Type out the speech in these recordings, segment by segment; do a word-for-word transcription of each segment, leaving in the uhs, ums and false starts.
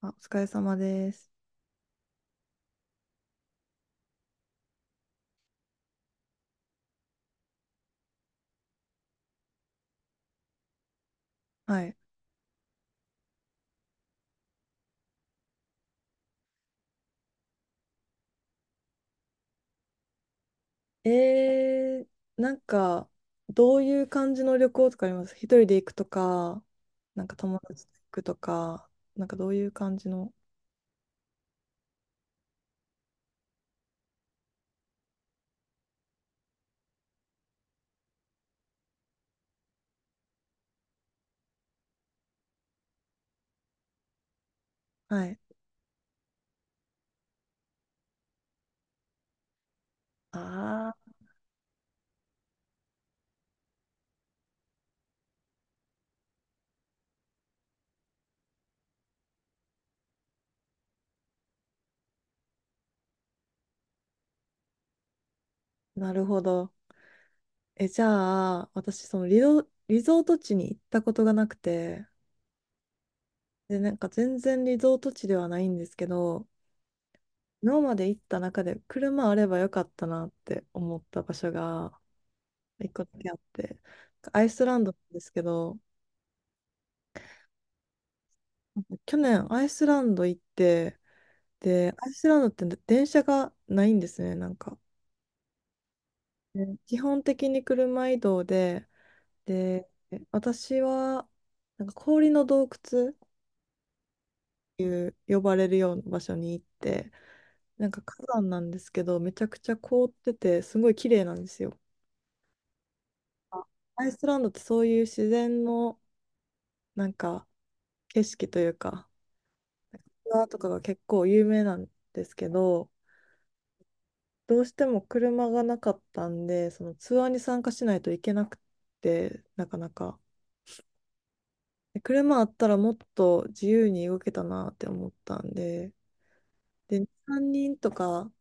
あ、お疲れ様です。はい。えー、なんか、どういう感じの旅行とかあります？一人で行くとか、なんか友達と行くとか、なんかどういう感じの。はい。ああ、なるほど。え、じゃあ、私、そのリゾ、リゾート地に行ったことがなくて、で、なんか全然リゾート地ではないんですけど、今まで行った中で車あればよかったなって思った場所がいっこだけあって、アイスランドなんですけど、去年アイスランド行って、で、アイスランドって電車がないんですね、なんか。で基本的に車移動で、で、私は、なんか氷の洞窟っていう呼ばれるような場所に行って、なんか火山なんですけど、めちゃくちゃ凍ってて、すごい綺麗なんですよ。あ、アイスランドってそういう自然の、なんか、景色というか、ツアーとかが結構有名なんですけど、どうしても車がなかったんで、そのツアーに参加しないといけなくて、なかなか。で車あったらもっと自由に動けたなって思ったんで、で、さんにんとか、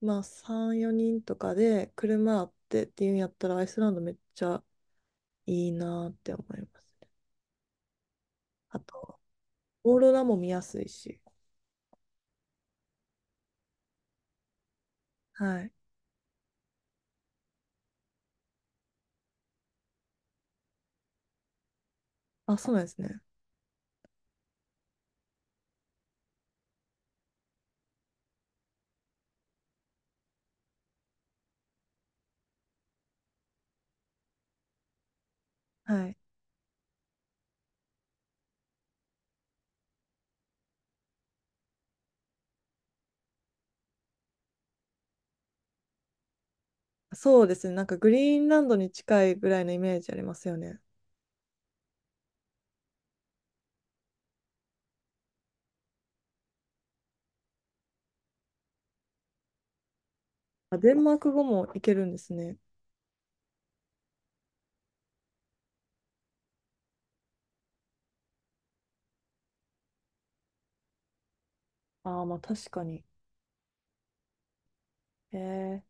まあさん、よにんとかで車あってっていうんやったらアイスランドめっちゃいいなって思いますね。あと、オーロラも見やすいし。はい。あ、そうなんですね。はい。そうですね。なんかグリーンランドに近いぐらいのイメージありますよね。あ、デンマーク語もいけるんですね。ああ、まあ確かに。えー、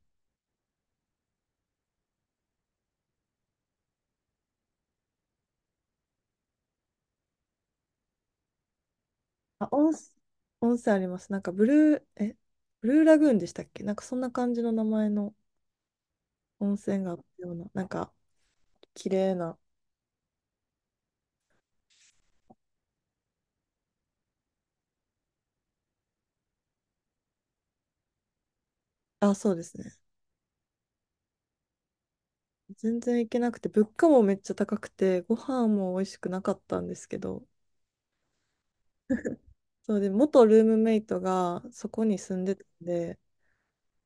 あ、温泉、温泉あります。なんかブルー、え、ブルーラグーンでしたっけ、なんかそんな感じの名前の温泉があったような、なんか綺麗な。あ、そうですね。全然行けなくて、物価もめっちゃ高くて、ご飯も美味しくなかったんですけど、そうで、元ルームメイトがそこに住んでたんで、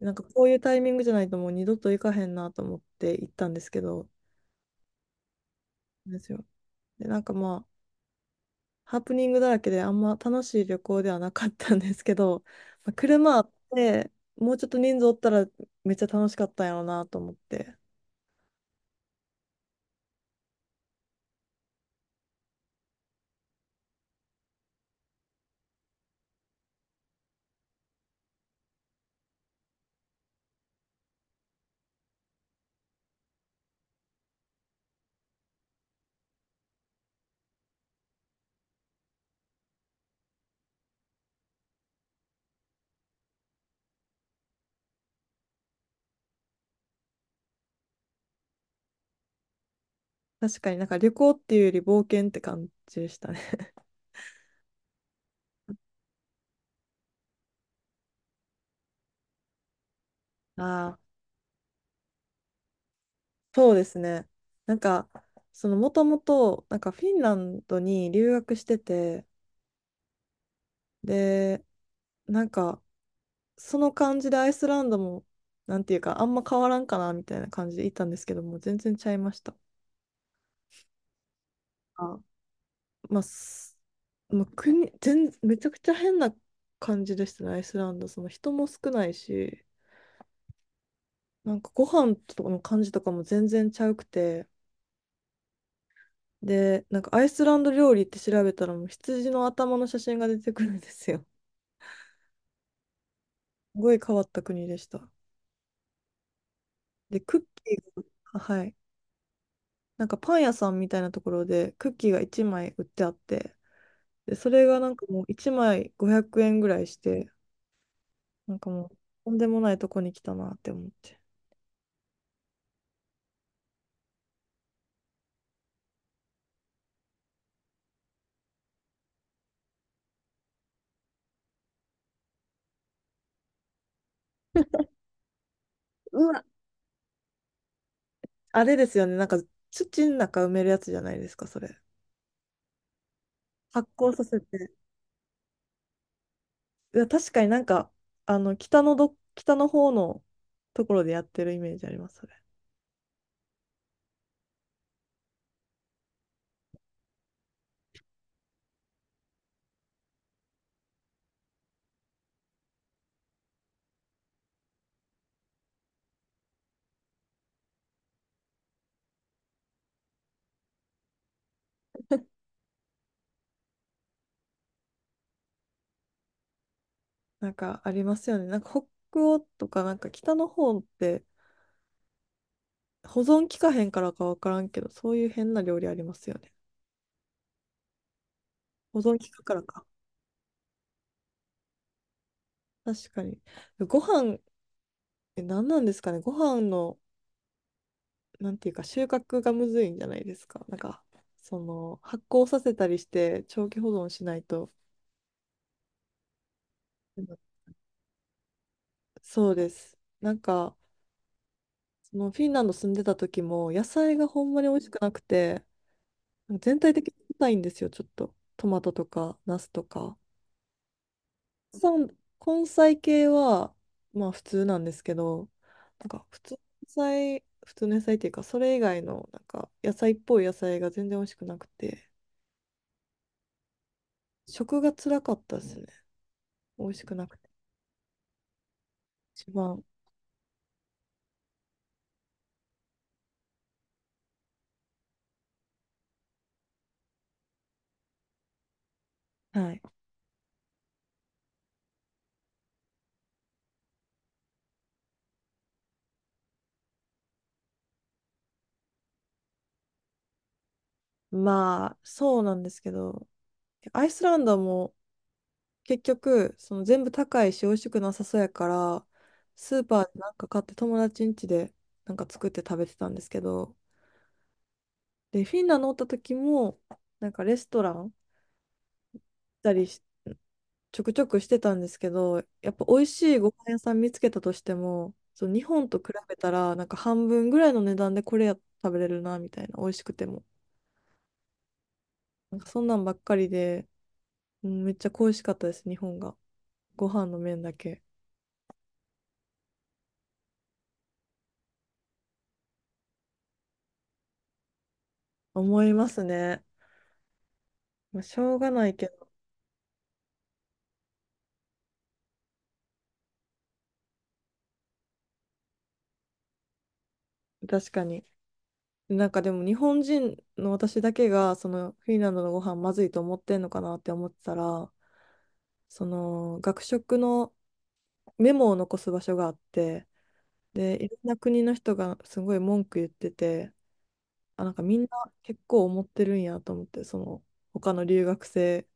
なんかこういうタイミングじゃないともう二度と行かへんなと思って行ったんですけど、ですよ。で、なんかまあ、ハプニングだらけであんま楽しい旅行ではなかったんですけど、まあ、車あってもうちょっと人数おったらめっちゃ楽しかったんやろうなと思って、確かになんか旅行っていうより冒険って感じでしたね。ああ、そうですね。なんかそのもともとなんかフィンランドに留学してて、で、なんかその感じでアイスランドもなんていうかあんま変わらんかなみたいな感じで行ったんですけども、全然ちゃいました。あまあ、すまあ、国、全、めちゃくちゃ変な感じでしたね、アイスランド。その人も少ないし、なんかご飯とかの感じとかも全然ちゃうくて、で、なんかアイスランド料理って調べたら、もう羊の頭の写真が出てくるんですよ。すごい変わった国でした。で、クッキーが、はい。なんかパン屋さんみたいなところでクッキーがいちまい売ってあって、で、それがなんかもういちまいごひゃくえんぐらいして、なんかもうとんでもないとこに来たなって思って。うわ、あれですよね。なんか土の中埋めるやつじゃないですか、それ。発酵させて。いや、確かになんか、あの、北のど、北の方のところでやってるイメージあります、それ。なんかありますよね。なんか北欧とか、なんか北の方って保存期かへんからかわからんけど、そういう変な料理ありますよね。保存期かからか。確かに。ご飯、え、何なんですかね。ご飯の、なんていうか、収穫がむずいんじゃないですか。なんか、その、発酵させたりして、長期保存しないと、そうです。なんか、そのフィンランド住んでた時も、野菜がほんまに美味しくなくて、全体的に硬いんですよ、ちょっと。トマトとか、ナスとか。さん根菜系は、まあ普通なんですけど、なんか普通の野菜、普通の野菜っていうか、それ以外の、なんか野菜っぽい野菜が全然美味しくなくて、食が辛かったですね。美味しくなくて。一番。はい。まあ、そうなんですけど、アイスランドも結局、その全部高いし美味しくなさそうやから、スーパーでなんか買って友達ん家でなんか作って食べてたんですけど、で、フィンランドおった時も、なんかレストラン行ったりし、ちょくちょくしてたんですけど、やっぱ美味しいご飯屋さん見つけたとしても、そう日本と比べたら、なんか半分ぐらいの値段でこれや食べれるな、みたいな、美味しくても。なんかそんなんばっかりで、うん、めっちゃ恋しかったです、日本が。ご飯の麺だけ。思いますね。まあ、しょうがないけど、確かに。なんかでも日本人の私だけがそのフィンランドのご飯まずいと思ってんのかなって思ってたら、その学食のメモを残す場所があって、で、いろんな国の人がすごい文句言ってて、あ、なんかみんな結構思ってるんやと思って、その他の留学生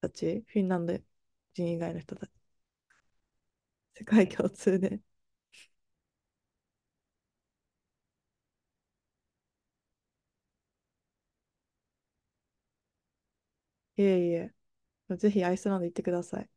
たち、フィンランド人以外の人たち、世界共通で。いえいえ、ぜひアイスランド行ってください。